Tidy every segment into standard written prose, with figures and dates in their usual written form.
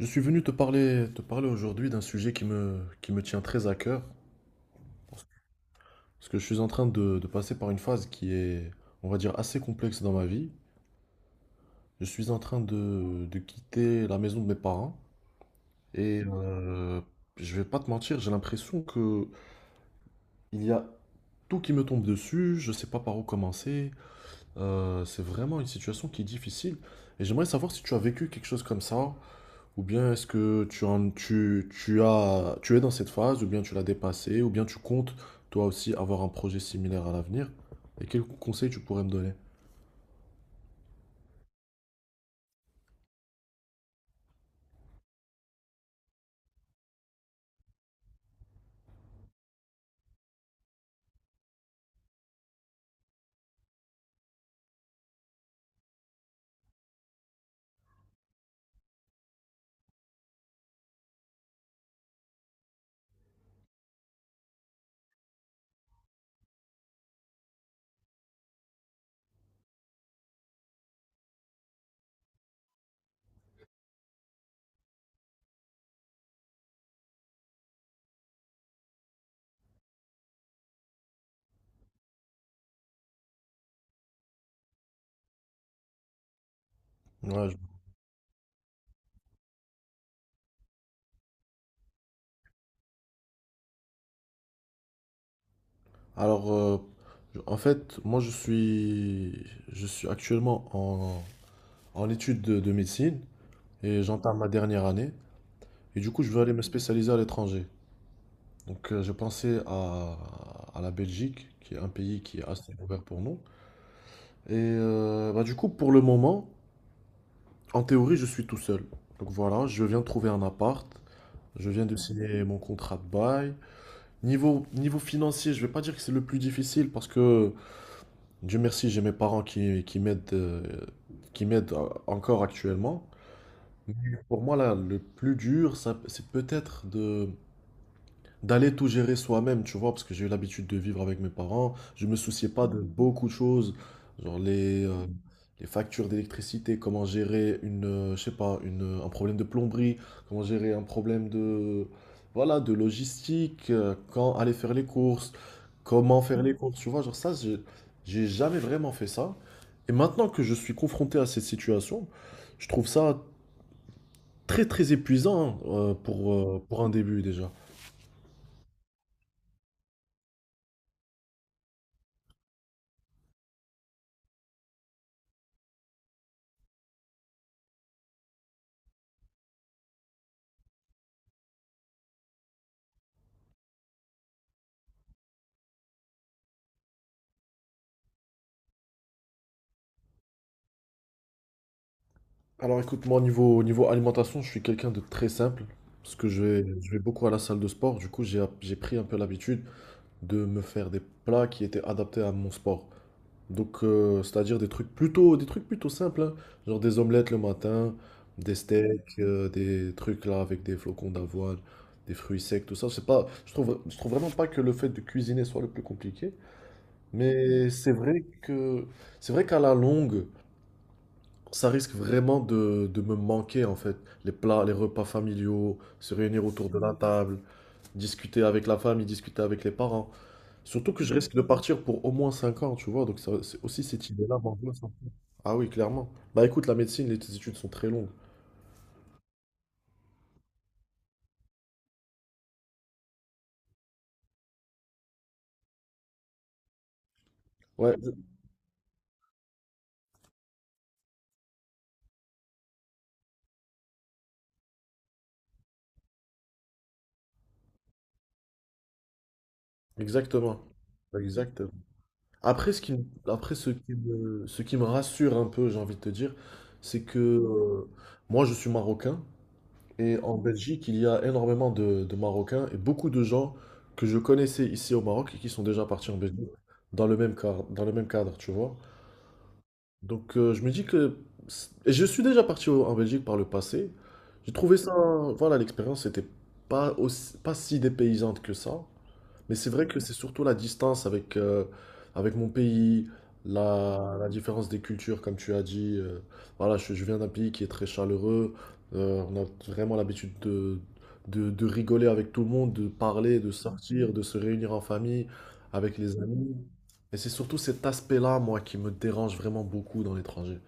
Je suis venu te parler, aujourd'hui d'un sujet qui me tient très à cœur, parce que je suis en train de passer par une phase qui est, on va dire, assez complexe dans ma vie. Je suis en train de quitter la maison de mes parents et je vais pas te mentir, j'ai l'impression que il y a tout qui me tombe dessus, je sais pas par où commencer. C'est vraiment une situation qui est difficile et j'aimerais savoir si tu as vécu quelque chose comme ça. Ou bien est-ce que tu, en- tu, tu as, tu es dans cette phase, ou bien tu l'as dépassée, ou bien tu comptes toi aussi avoir un projet similaire à l'avenir? Et quels conseils tu pourrais me donner? Ouais, je- Alors, en fait, je suis actuellement en études de médecine et j'entame ma dernière année. Et du coup, je veux aller me spécialiser à l'étranger. Donc, j'ai pensé à la Belgique, qui est un pays qui est assez ouvert pour nous. Et bah, du coup, pour le moment, en théorie, je suis tout seul. Donc voilà, je viens de trouver un appart. Je viens de signer mon contrat de bail. Niveau financier, je vais pas dire que c'est le plus difficile parce que, Dieu merci, j'ai mes parents qui m'aident encore actuellement. Mais pour moi, là, le plus dur, c'est peut-être de, d'aller tout gérer soi-même, tu vois, parce que j'ai eu l'habitude de vivre avec mes parents. Je me souciais pas de beaucoup de choses, genre les factures d'électricité, comment gérer je sais pas, un problème de plomberie, comment gérer un problème de, voilà, de logistique, quand aller faire les courses, comment faire les courses, tu vois, genre ça, j'ai jamais vraiment fait ça. Et maintenant que je suis confronté à cette situation, je trouve ça très très épuisant hein, pour un début déjà. Alors écoute, moi au niveau alimentation, je suis quelqu'un de très simple, parce que je vais beaucoup à la salle de sport, du coup j'ai pris un peu l'habitude de me faire des plats qui étaient adaptés à mon sport. Donc c'est-à-dire des trucs plutôt simples, hein, genre des omelettes le matin, des steaks, des trucs là avec des flocons d'avoine, des fruits secs, tout ça. C'est pas, je trouve vraiment pas que le fait de cuisiner soit le plus compliqué, mais c'est vrai que, c'est vrai qu'à la longue, ça risque vraiment de me manquer en fait. Les plats, les repas familiaux, se réunir autour de la table, discuter avec la famille, discuter avec les parents. Surtout que je risque de partir pour au moins 5 ans, tu vois. Donc ça, c'est aussi cette idée-là m'angoisse un peu. Ah oui, clairement. Bah écoute, la médecine, les études sont très longues. Ouais, exactement. Exactement. Après, ce qui me rassure un peu, j'ai envie de te dire, c'est que moi, je suis marocain. Et en Belgique, il y a énormément de Marocains et beaucoup de gens que je connaissais ici au Maroc et qui sont déjà partis en Belgique dans le même cadre, tu vois. Donc je me dis que... Et je suis déjà parti en Belgique par le passé. J'ai trouvé ça... Voilà, l'expérience n'était pas si dépaysante que ça. Mais c'est vrai que c'est surtout la distance avec, avec mon pays, la différence des cultures, comme tu as dit. Voilà, je viens d'un pays qui est très chaleureux. On a vraiment l'habitude de rigoler avec tout le monde, de parler, de sortir, de se réunir en famille, avec les amis. Et c'est surtout cet aspect-là, moi, qui me dérange vraiment beaucoup dans l'étranger.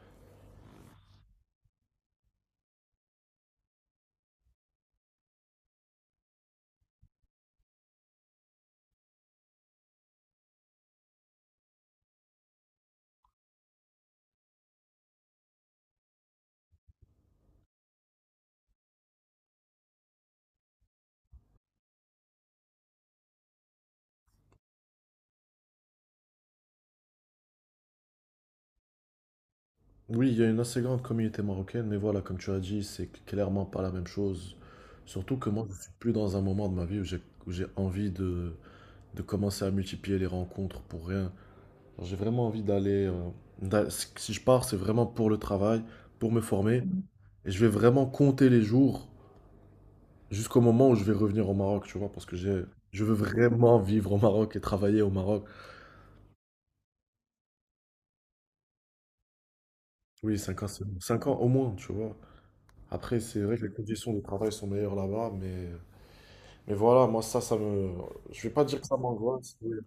Oui, il y a une assez grande communauté marocaine, mais voilà, comme tu as dit, c'est clairement pas la même chose. Surtout que moi, je suis plus dans un moment de ma vie où j'ai envie de commencer à multiplier les rencontres pour rien. J'ai vraiment envie d'aller. Si je pars, c'est vraiment pour le travail, pour me former. Et je vais vraiment compter les jours jusqu'au moment où je vais revenir au Maroc, tu vois, parce que je veux vraiment vivre au Maroc et travailler au Maroc. Oui, 5 ans, 5 ans au moins, tu vois. Après, c'est vrai que les conditions de travail sont meilleures là-bas, mais voilà, moi, ça me. Je vais pas dire que ça m'angoisse. Oui.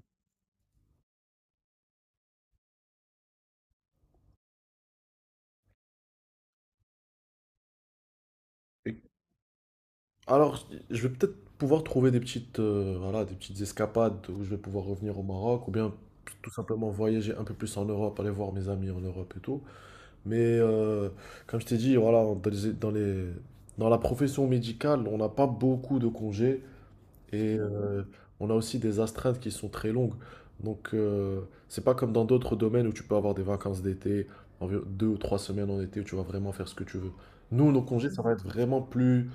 Alors, je vais peut-être pouvoir trouver des petites, voilà, des petites escapades où je vais pouvoir revenir au Maroc ou bien tout simplement voyager un peu plus en Europe, aller voir mes amis en Europe et tout. Mais comme je t'ai dit, voilà, dans la profession médicale, on n'a pas beaucoup de congés et on a aussi des astreintes qui sont très longues. Donc, c'est pas comme dans d'autres domaines où tu peux avoir des vacances d'été, environ 2 ou 3 semaines en été où tu vas vraiment faire ce que tu veux. Nous, nos congés, ça va être vraiment plus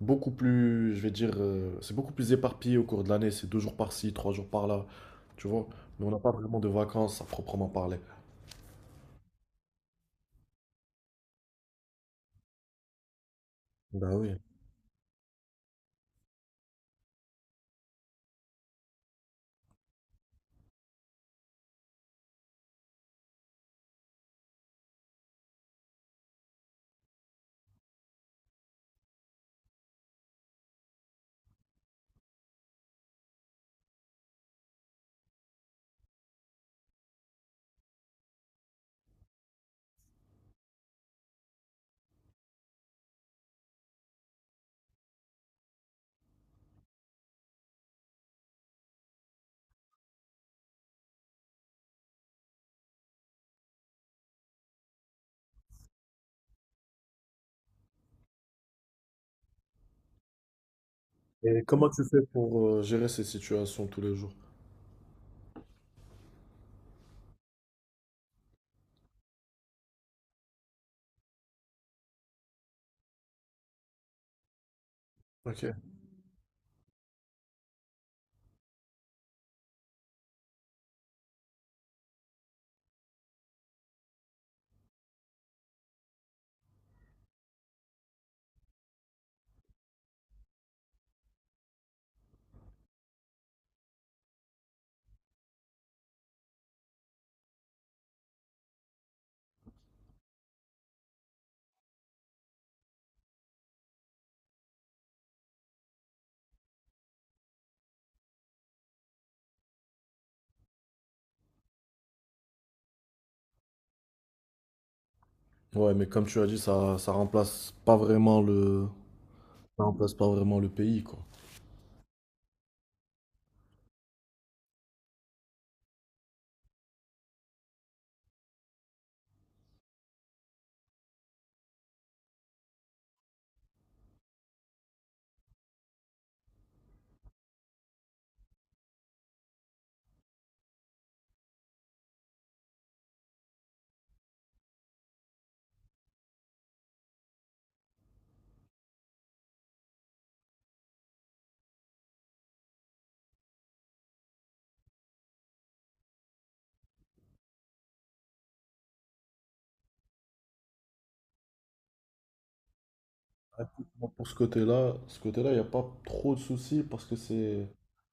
beaucoup plus, je vais dire, c'est beaucoup plus éparpillé au cours de l'année. C'est 2 jours par-ci, 3 jours par-là, tu vois. Mais on n'a pas vraiment de vacances à proprement parler. Bah oui. Et comment tu fais pour gérer ces situations tous les jours? Ok. Ouais, mais comme tu as dit, ça remplace pas vraiment le pays, quoi. Ah, écoute, moi, pour ce côté-là, il n'y a pas trop de soucis parce que c'est,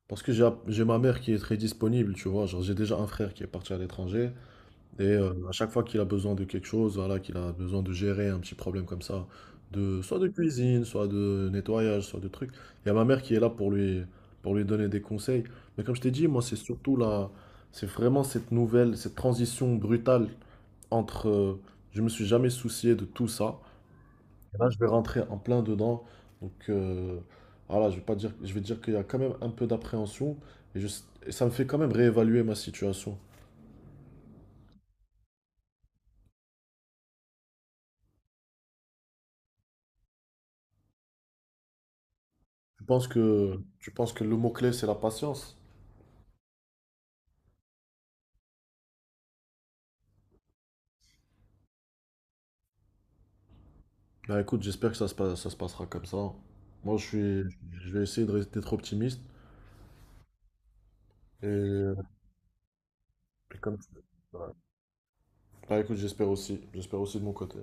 parce que j'ai ma mère qui est très disponible, tu vois. Genre, j'ai déjà un frère qui est parti à l'étranger. Et à chaque fois qu'il a besoin de quelque chose, voilà, qu'il a besoin de gérer un petit problème comme ça, de soit de cuisine, soit de nettoyage, soit de trucs, il y a ma mère qui est là pour lui donner des conseils. Mais comme je t'ai dit, moi, c'est surtout là, c'est vraiment cette nouvelle, cette transition brutale entre, je me suis jamais soucié de tout ça, je vais rentrer en plein dedans. Donc voilà, je vais pas dire je vais dire qu'il y a quand même un peu d'appréhension et je et ça me fait quand même réévaluer ma situation. Tu penses que le mot-clé, c'est la patience? Bah écoute, j'espère que ça se passe, ça se passera comme ça, hein. Moi, je suis, je vais essayer de rester d'être optimiste. Et comme ouais. Bah écoute, j'espère aussi. J'espère aussi de mon côté.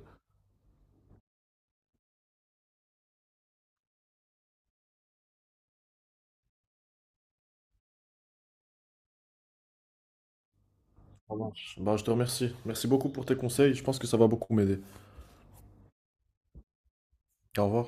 Ça marche. Bah je te remercie. Merci beaucoup pour tes conseils. Je pense que ça va beaucoup m'aider. Au revoir.